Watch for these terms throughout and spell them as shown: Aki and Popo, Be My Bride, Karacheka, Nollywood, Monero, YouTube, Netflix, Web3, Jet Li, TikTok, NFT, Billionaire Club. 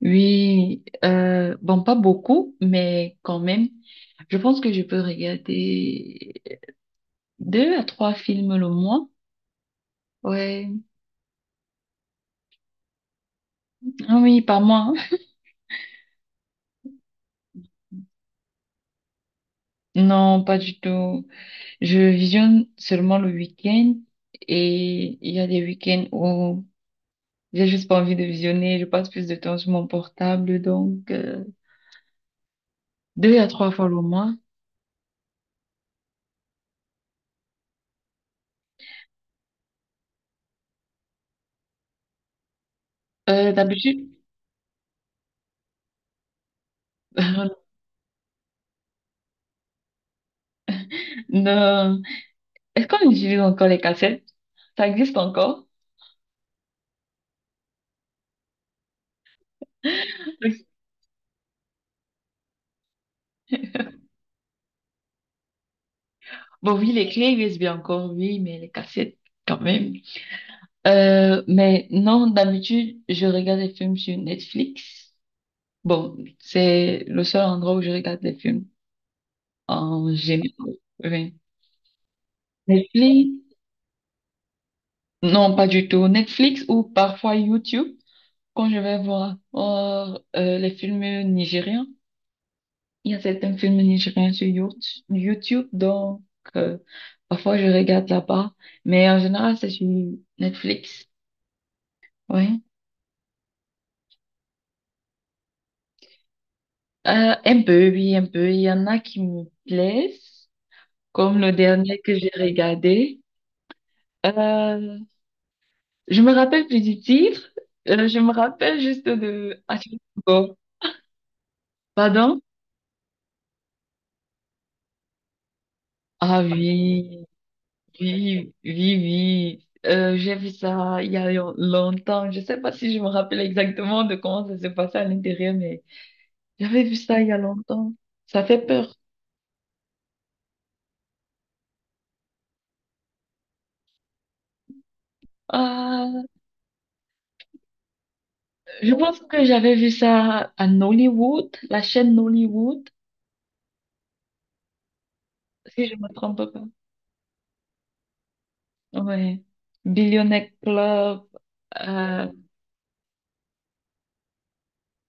Oui, bon, pas beaucoup, mais quand même, je pense que je peux regarder deux à trois films le mois. Ouais, ah oui, pas moi. Non, pas du tout. Je visionne seulement le week-end et il y a des week-ends où j'ai juste pas envie de visionner. Je passe plus de temps sur mon portable, donc deux à trois fois le mois. D'habitude, non. Est-ce qu'on utilise encore les cassettes? Ça existe encore? Bon, oui, les clés USB encore, oui, mais les cassettes quand même. Mais non, d'habitude, je regarde des films sur Netflix. Bon, c'est le seul endroit où je regarde des films en général. Oui. Netflix? Non, pas du tout. Netflix ou parfois YouTube, quand je vais voir, les films nigériens. Il y a certains films nigériens sur YouTube, donc euh, parfois je regarde là-bas. Mais en général, c'est sur Netflix. Oui. Un peu, oui, un peu. Il y en a qui me plaisent, comme le dernier que j'ai regardé. Euh, je me rappelle plus du titre. Je me rappelle juste de... Ah, bon, pardon? Ah oui, oui, oui, oui. J'ai vu ça il y a longtemps. Je sais pas si je me rappelle exactement de comment ça s'est passé à l'intérieur, mais j'avais vu ça il y a longtemps. Ça fait peur. Ah, je pense que j'avais vu ça à Nollywood, la chaîne Nollywood. Si je me trompe pas. Ouais. Billionaire Club. euh,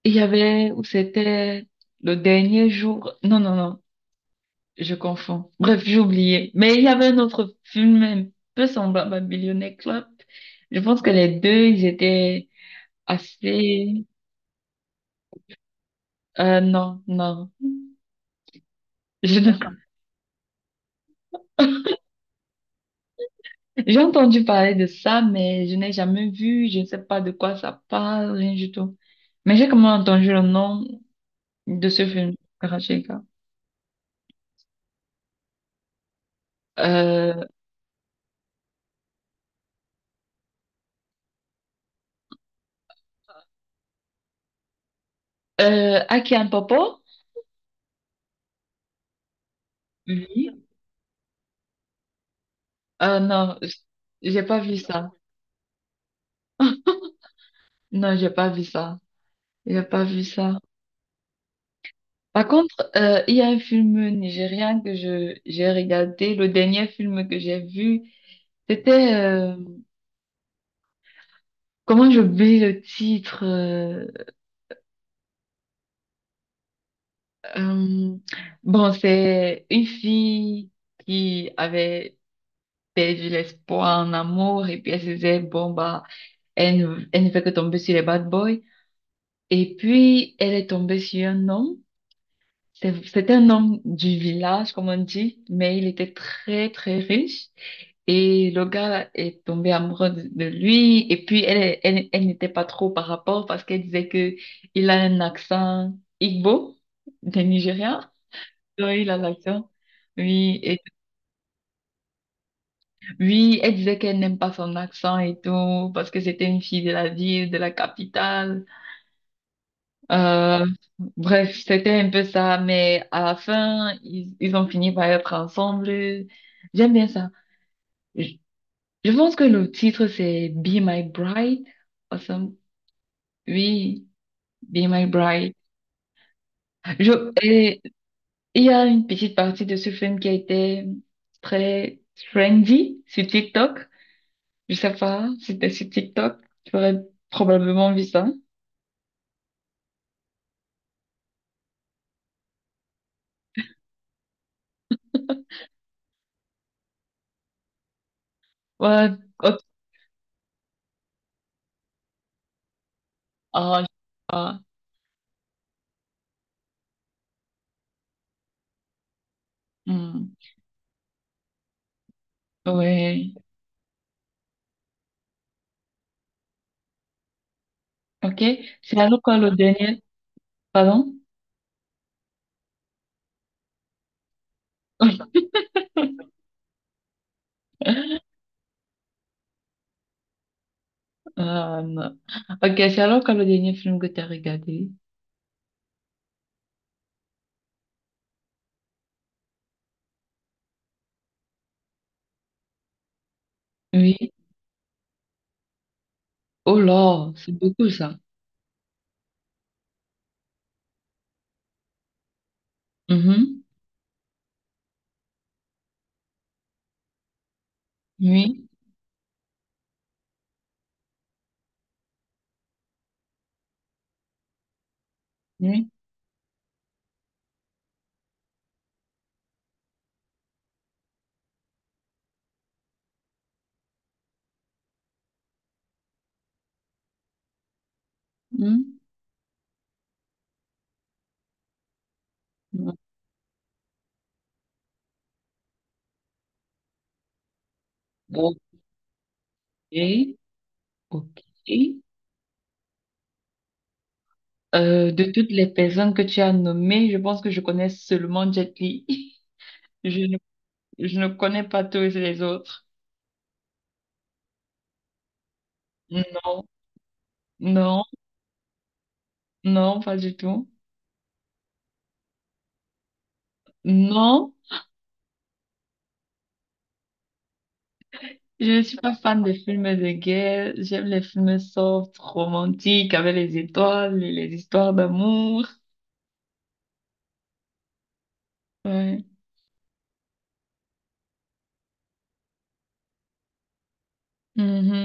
il y avait où c'était le dernier jour. Non, non, non, je confonds. Bref, j'ai oublié. Mais il y avait un autre film un peu semblable à Billionaire Club. Je pense que les deux, ils étaient assez... non, non. Je ne- J'ai entendu parler de ça, mais je n'ai jamais vu. Je ne sais pas de quoi ça parle, rien du tout. Mais j'ai quand même entendu le nom de ce film, Karacheka. Aki and Popo? Oui. Non, j'ai pas vu ça. Non, j'ai pas vu ça. J'ai pas vu ça. Par contre, il y a un film nigérien que je j'ai regardé. Le dernier film que j'ai vu, c'était comment j'oublie le titre. Euh, bon, c'est une fille qui avait perdu l'espoir en amour et puis elle se disait bon bah elle ne fait que tomber sur les bad boys. Et puis, elle est tombée sur un homme. C'était un homme du village, comme on dit, mais il était très, très riche. Et le gars est tombé amoureux de lui. Et puis, elle n'était pas trop par rapport parce qu'elle disait que il a un accent Igbo, des Nigériens. Oui, il a l'accent. Oui, et, oui, elle disait qu'elle n'aime pas son accent et tout, parce que c'était une fille de la ville, de la capitale. Euh, bref, c'était un peu ça, mais à la fin, ils ont fini par être ensemble. J'aime bien ça. Je, je pense que le titre, c'est Be My Bride. Awesome. Oui, Be My Bride. Je, et il y a une petite partie de ce film qui a été très trendy sur TikTok. Je sais pas, c'était sur TikTok. Tu aurais probablement vu ça. Ouais, ok. Ah, je sais pas. Hmm. Ouais. Ok, c'est alors quoi le dernier, pardon? Oui. Euh, ok, c'est alors quoi le dernier film que tu as regardé? Oui. Oh là, c'est beaucoup ça. Mhm. Oui, oui. Mhm. Ok, ok. De toutes les personnes que tu as nommées, je pense que je connais seulement Jet Li. Je ne, je ne connais pas tous les autres. Non, non, non, pas du tout. Non. Je ne suis pas fan des films de guerre. J'aime les films soft, romantiques, avec les étoiles et les histoires d'amour. Ouais. Mhm.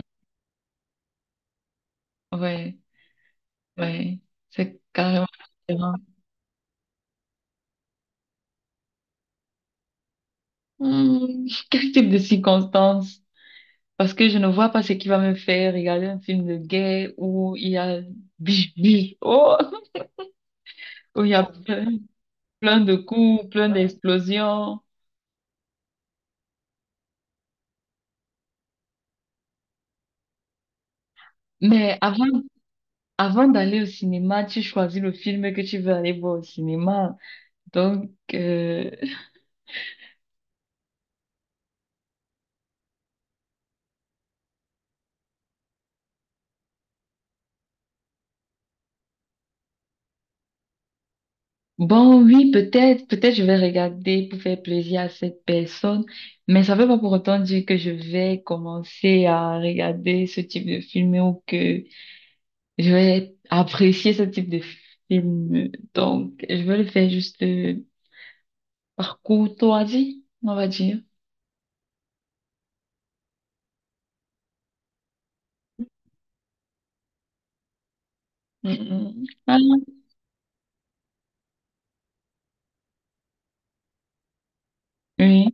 Ouais. Ouais. C'est carrément différent. Hmm, quel type de circonstances? Parce que je ne vois pas ce qui va me faire regarder un film de guerre où il y a biche, biche, oh, où il y a plein, plein de coups, plein d'explosions. Mais avant, avant d'aller au cinéma, tu choisis le film que tu veux aller voir au cinéma. Donc, bon, oui, peut-être, peut-être je vais regarder pour faire plaisir à cette personne, mais ça veut pas pour autant dire que je vais commencer à regarder ce type de film ou que je vais apprécier ce type de film. Donc, je vais le faire juste par courtoisie, on va dire. Mm, mm. Ah, oui,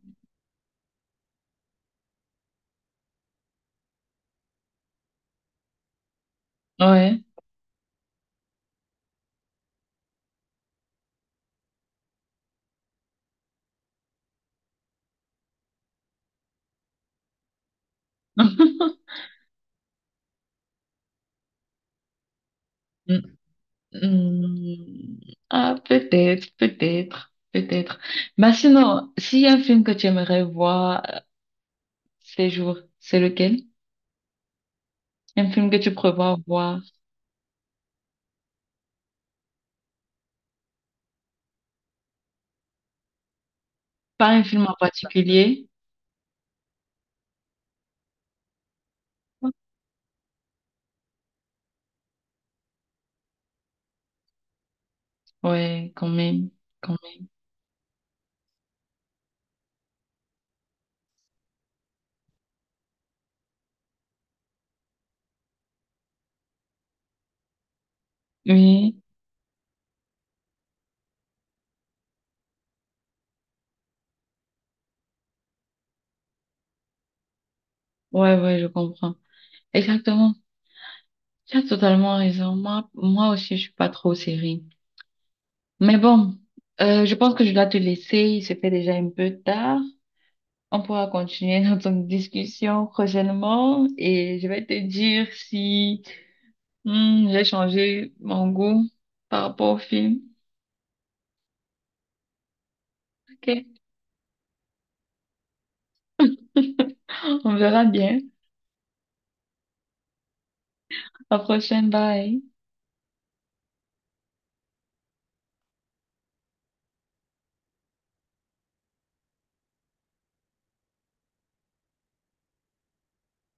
ouais. Hmm, ah, peut-être, peut-être, peut-être. Mais sinon, s'il y a un film que tu aimerais voir ces jours, c'est lequel? Un film que tu prévois voir? Pas un film en particulier? Ouais, quand même, quand même. Oui, ouais, ouais, je comprends. Exactement. Tu as totalement raison. Moi, moi aussi, je suis pas trop série. Mais bon, je pense que je dois te laisser. Il se fait déjà un peu tard. On pourra continuer notre discussion prochainement et je vais te dire si hmm, j'ai changé mon goût par rapport au film. Ok, on verra bien. À la prochaine, bye.